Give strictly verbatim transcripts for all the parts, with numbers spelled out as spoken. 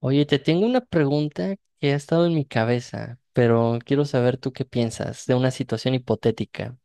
Oye, te tengo una pregunta que ha estado en mi cabeza, pero quiero saber tú qué piensas de una situación hipotética.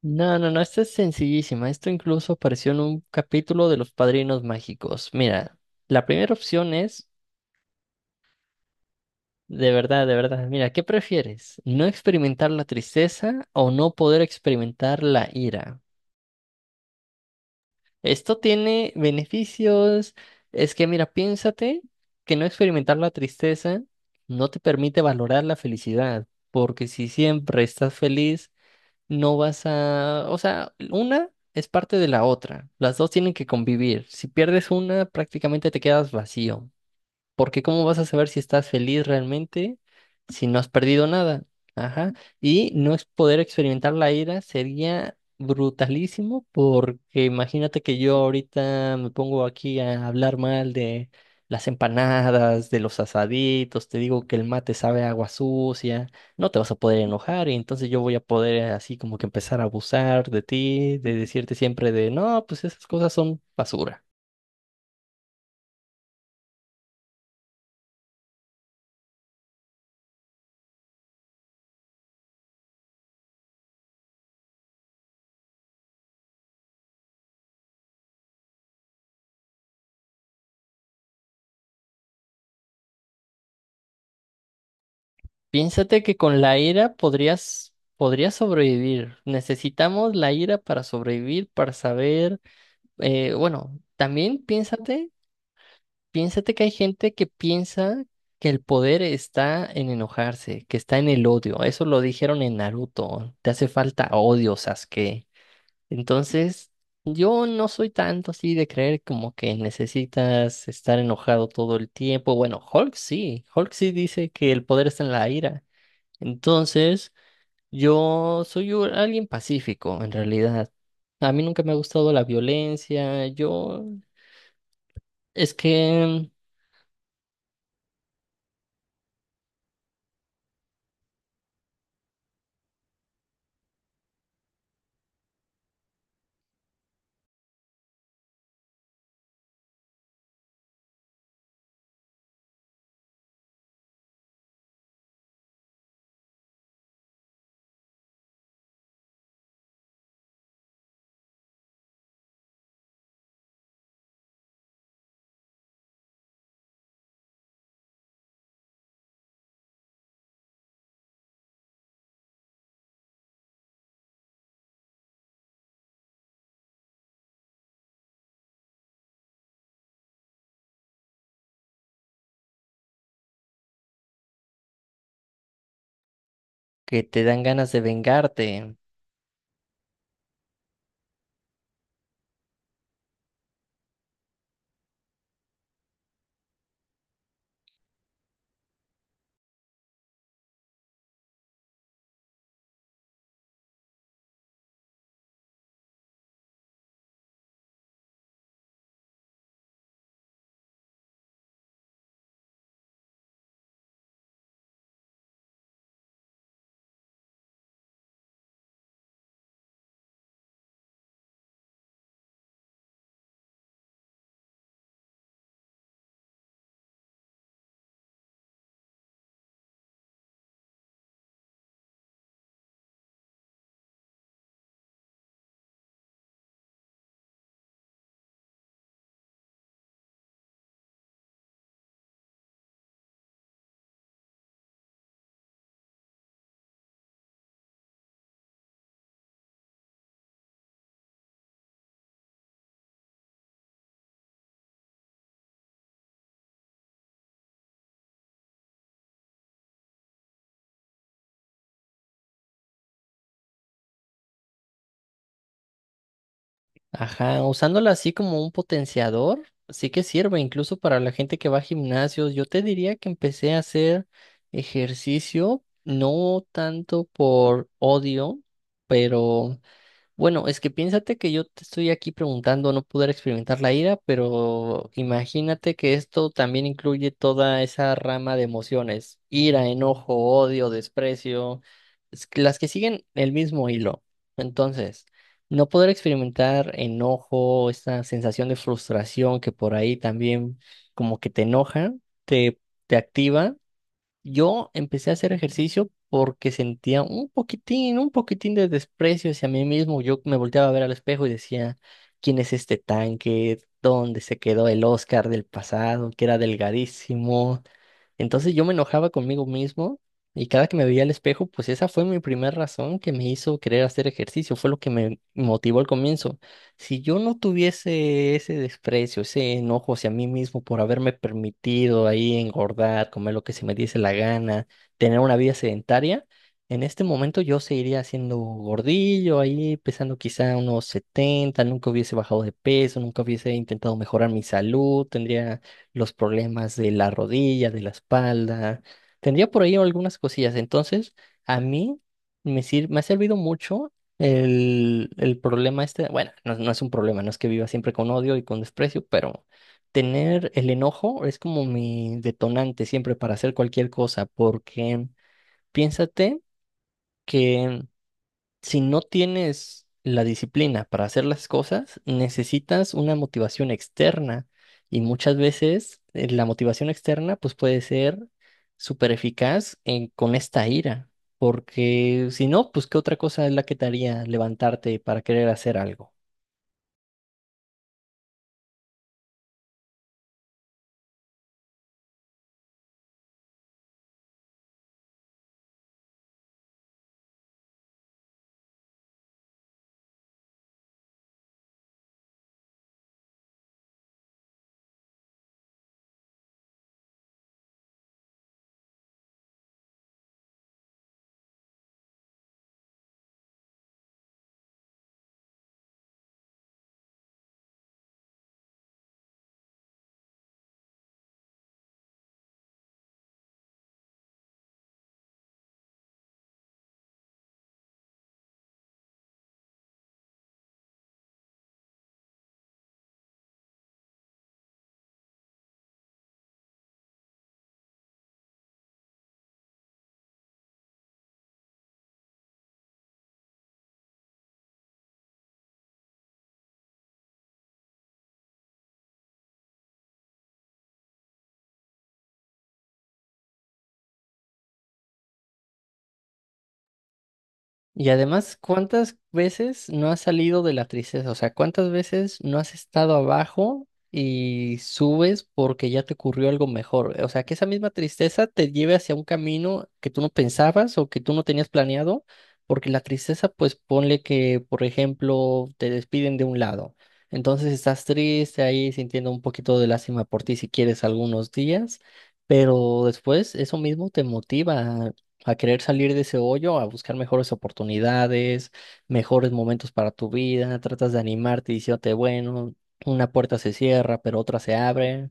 No, no, no, esta es sencillísima. Esto incluso apareció en un capítulo de Los Padrinos Mágicos. Mira, la primera opción es, de verdad, de verdad, mira, ¿qué prefieres? ¿No experimentar la tristeza o no poder experimentar la ira? Esto tiene beneficios. Es que, mira, piénsate que no experimentar la tristeza no te permite valorar la felicidad, porque si siempre estás feliz, no vas a... o sea, una es parte de la otra. Las dos tienen que convivir. Si pierdes una, prácticamente te quedas vacío. Porque ¿cómo vas a saber si estás feliz realmente si no has perdido nada? Ajá. Y no es poder experimentar la ira sería brutalísimo porque imagínate que yo ahorita me pongo aquí a hablar mal de las empanadas, de los asaditos, te digo que el mate sabe a agua sucia, no te vas a poder enojar y entonces yo voy a poder así como que empezar a abusar de ti, de decirte siempre de, no, pues esas cosas son basura. Piénsate que con la ira podrías, podrías sobrevivir. Necesitamos la ira para sobrevivir, para saber. Eh, bueno, también piénsate, piénsate que hay gente que piensa que el poder está en enojarse, que está en el odio. Eso lo dijeron en Naruto. Te hace falta odio, Sasuke. Entonces, yo no soy tanto así de creer como que necesitas estar enojado todo el tiempo. Bueno, Hulk sí. Hulk sí dice que el poder está en la ira. Entonces, yo soy u- alguien pacífico, en realidad. A mí nunca me ha gustado la violencia. Yo, es que que te dan ganas de vengarte. Ajá, usándola así como un potenciador, sí que sirve incluso para la gente que va a gimnasios. Yo te diría que empecé a hacer ejercicio no tanto por odio, pero bueno, es que piénsate que yo te estoy aquí preguntando no poder experimentar la ira, pero imagínate que esto también incluye toda esa rama de emociones, ira, enojo, odio, desprecio, es que las que siguen el mismo hilo. Entonces, no poder experimentar enojo, esta sensación de frustración que por ahí también como que te enoja, te, te activa. Yo empecé a hacer ejercicio porque sentía un poquitín, un poquitín de desprecio hacia mí mismo. Yo me volteaba a ver al espejo y decía, ¿quién es este tanque? ¿Dónde se quedó el Oscar del pasado, que era delgadísimo? Entonces yo me enojaba conmigo mismo y cada que me veía al espejo, pues esa fue mi primera razón que me hizo querer hacer ejercicio, fue lo que me motivó al comienzo. Si yo no tuviese ese desprecio, ese enojo hacia mí mismo por haberme permitido ahí engordar, comer lo que se me diese la gana, tener una vida sedentaria, en este momento yo seguiría siendo gordillo ahí, pesando quizá unos setenta, nunca hubiese bajado de peso, nunca hubiese intentado mejorar mi salud, tendría los problemas de la rodilla, de la espalda. Tendría por ahí algunas cosillas. Entonces, a mí me sir- me ha servido mucho el, el problema este. Bueno, no, no es un problema, no es que viva siempre con odio y con desprecio, pero tener el enojo es como mi detonante siempre para hacer cualquier cosa, porque piénsate que si no tienes la disciplina para hacer las cosas, necesitas una motivación externa y muchas veces eh, la motivación externa pues puede ser súper eficaz en- con esta ira, porque si no, pues ¿qué otra cosa es la que te haría levantarte para querer hacer algo? Y además, ¿cuántas veces no has salido de la tristeza? O sea, ¿cuántas veces no has estado abajo y subes porque ya te ocurrió algo mejor? O sea, que esa misma tristeza te lleve hacia un camino que tú no pensabas o que tú no tenías planeado, porque la tristeza, pues ponle que, por ejemplo, te despiden de un lado. Entonces estás triste ahí sintiendo un poquito de lástima por ti si quieres algunos días, pero después eso mismo te motiva a querer salir de ese hoyo, a buscar mejores oportunidades, mejores momentos para tu vida, tratas de animarte diciéndote, bueno, una puerta se cierra, pero otra se abre.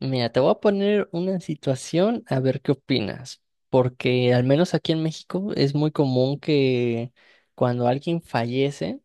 Mira, te voy a poner una situación a ver qué opinas, porque al menos aquí en México es muy común que cuando alguien fallece,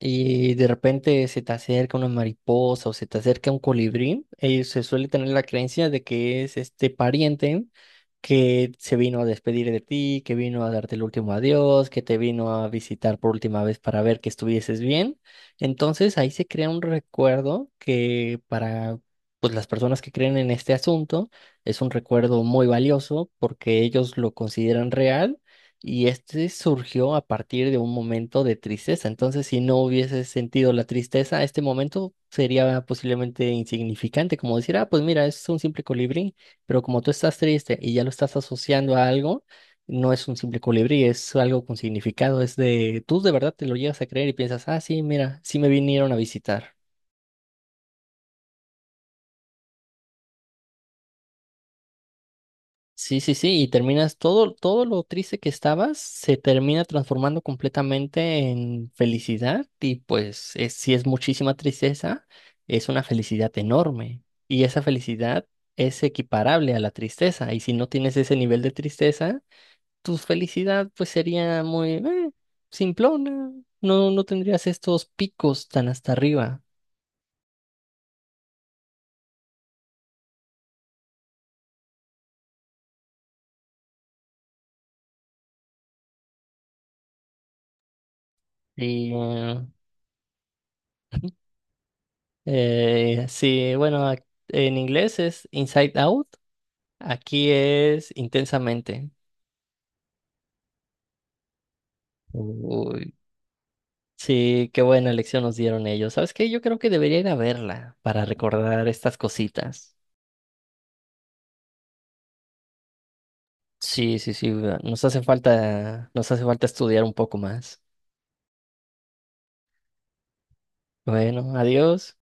y de repente se te acerca una mariposa o se te acerca un colibrí, eh, se suele tener la creencia de que es este pariente que se vino a despedir de ti, que vino a darte el último adiós, que te vino a visitar por última vez para ver que estuvieses bien. Entonces ahí se crea un recuerdo que para pues las personas que creen en este asunto es un recuerdo muy valioso porque ellos lo consideran real y este surgió a partir de un momento de tristeza. Entonces, si no hubiese sentido la tristeza, este momento sería posiblemente insignificante, como decir, ah, pues mira, es un simple colibrí, pero como tú estás triste y ya lo estás asociando a algo, no es un simple colibrí, es algo con significado, es de, tú de verdad te lo llegas a creer y piensas, ah, sí, mira, sí me vinieron a visitar. Sí, sí, sí, y terminas todo, todo lo triste que estabas se termina transformando completamente en felicidad y pues es, si es muchísima tristeza, es una felicidad enorme y esa felicidad es equiparable a la tristeza y si no tienes ese nivel de tristeza, tu felicidad pues sería muy eh, simplona, no, no tendrías estos picos tan hasta arriba y eh, eh, sí, bueno, ac- en inglés es Inside Out. Aquí es Intensamente. Uy, sí, qué buena lección nos dieron ellos. ¿Sabes qué? Yo creo que debería ir a verla para recordar estas cositas. Sí, sí, sí, nos hace falta, nos hace falta estudiar un poco más. Bueno, adiós.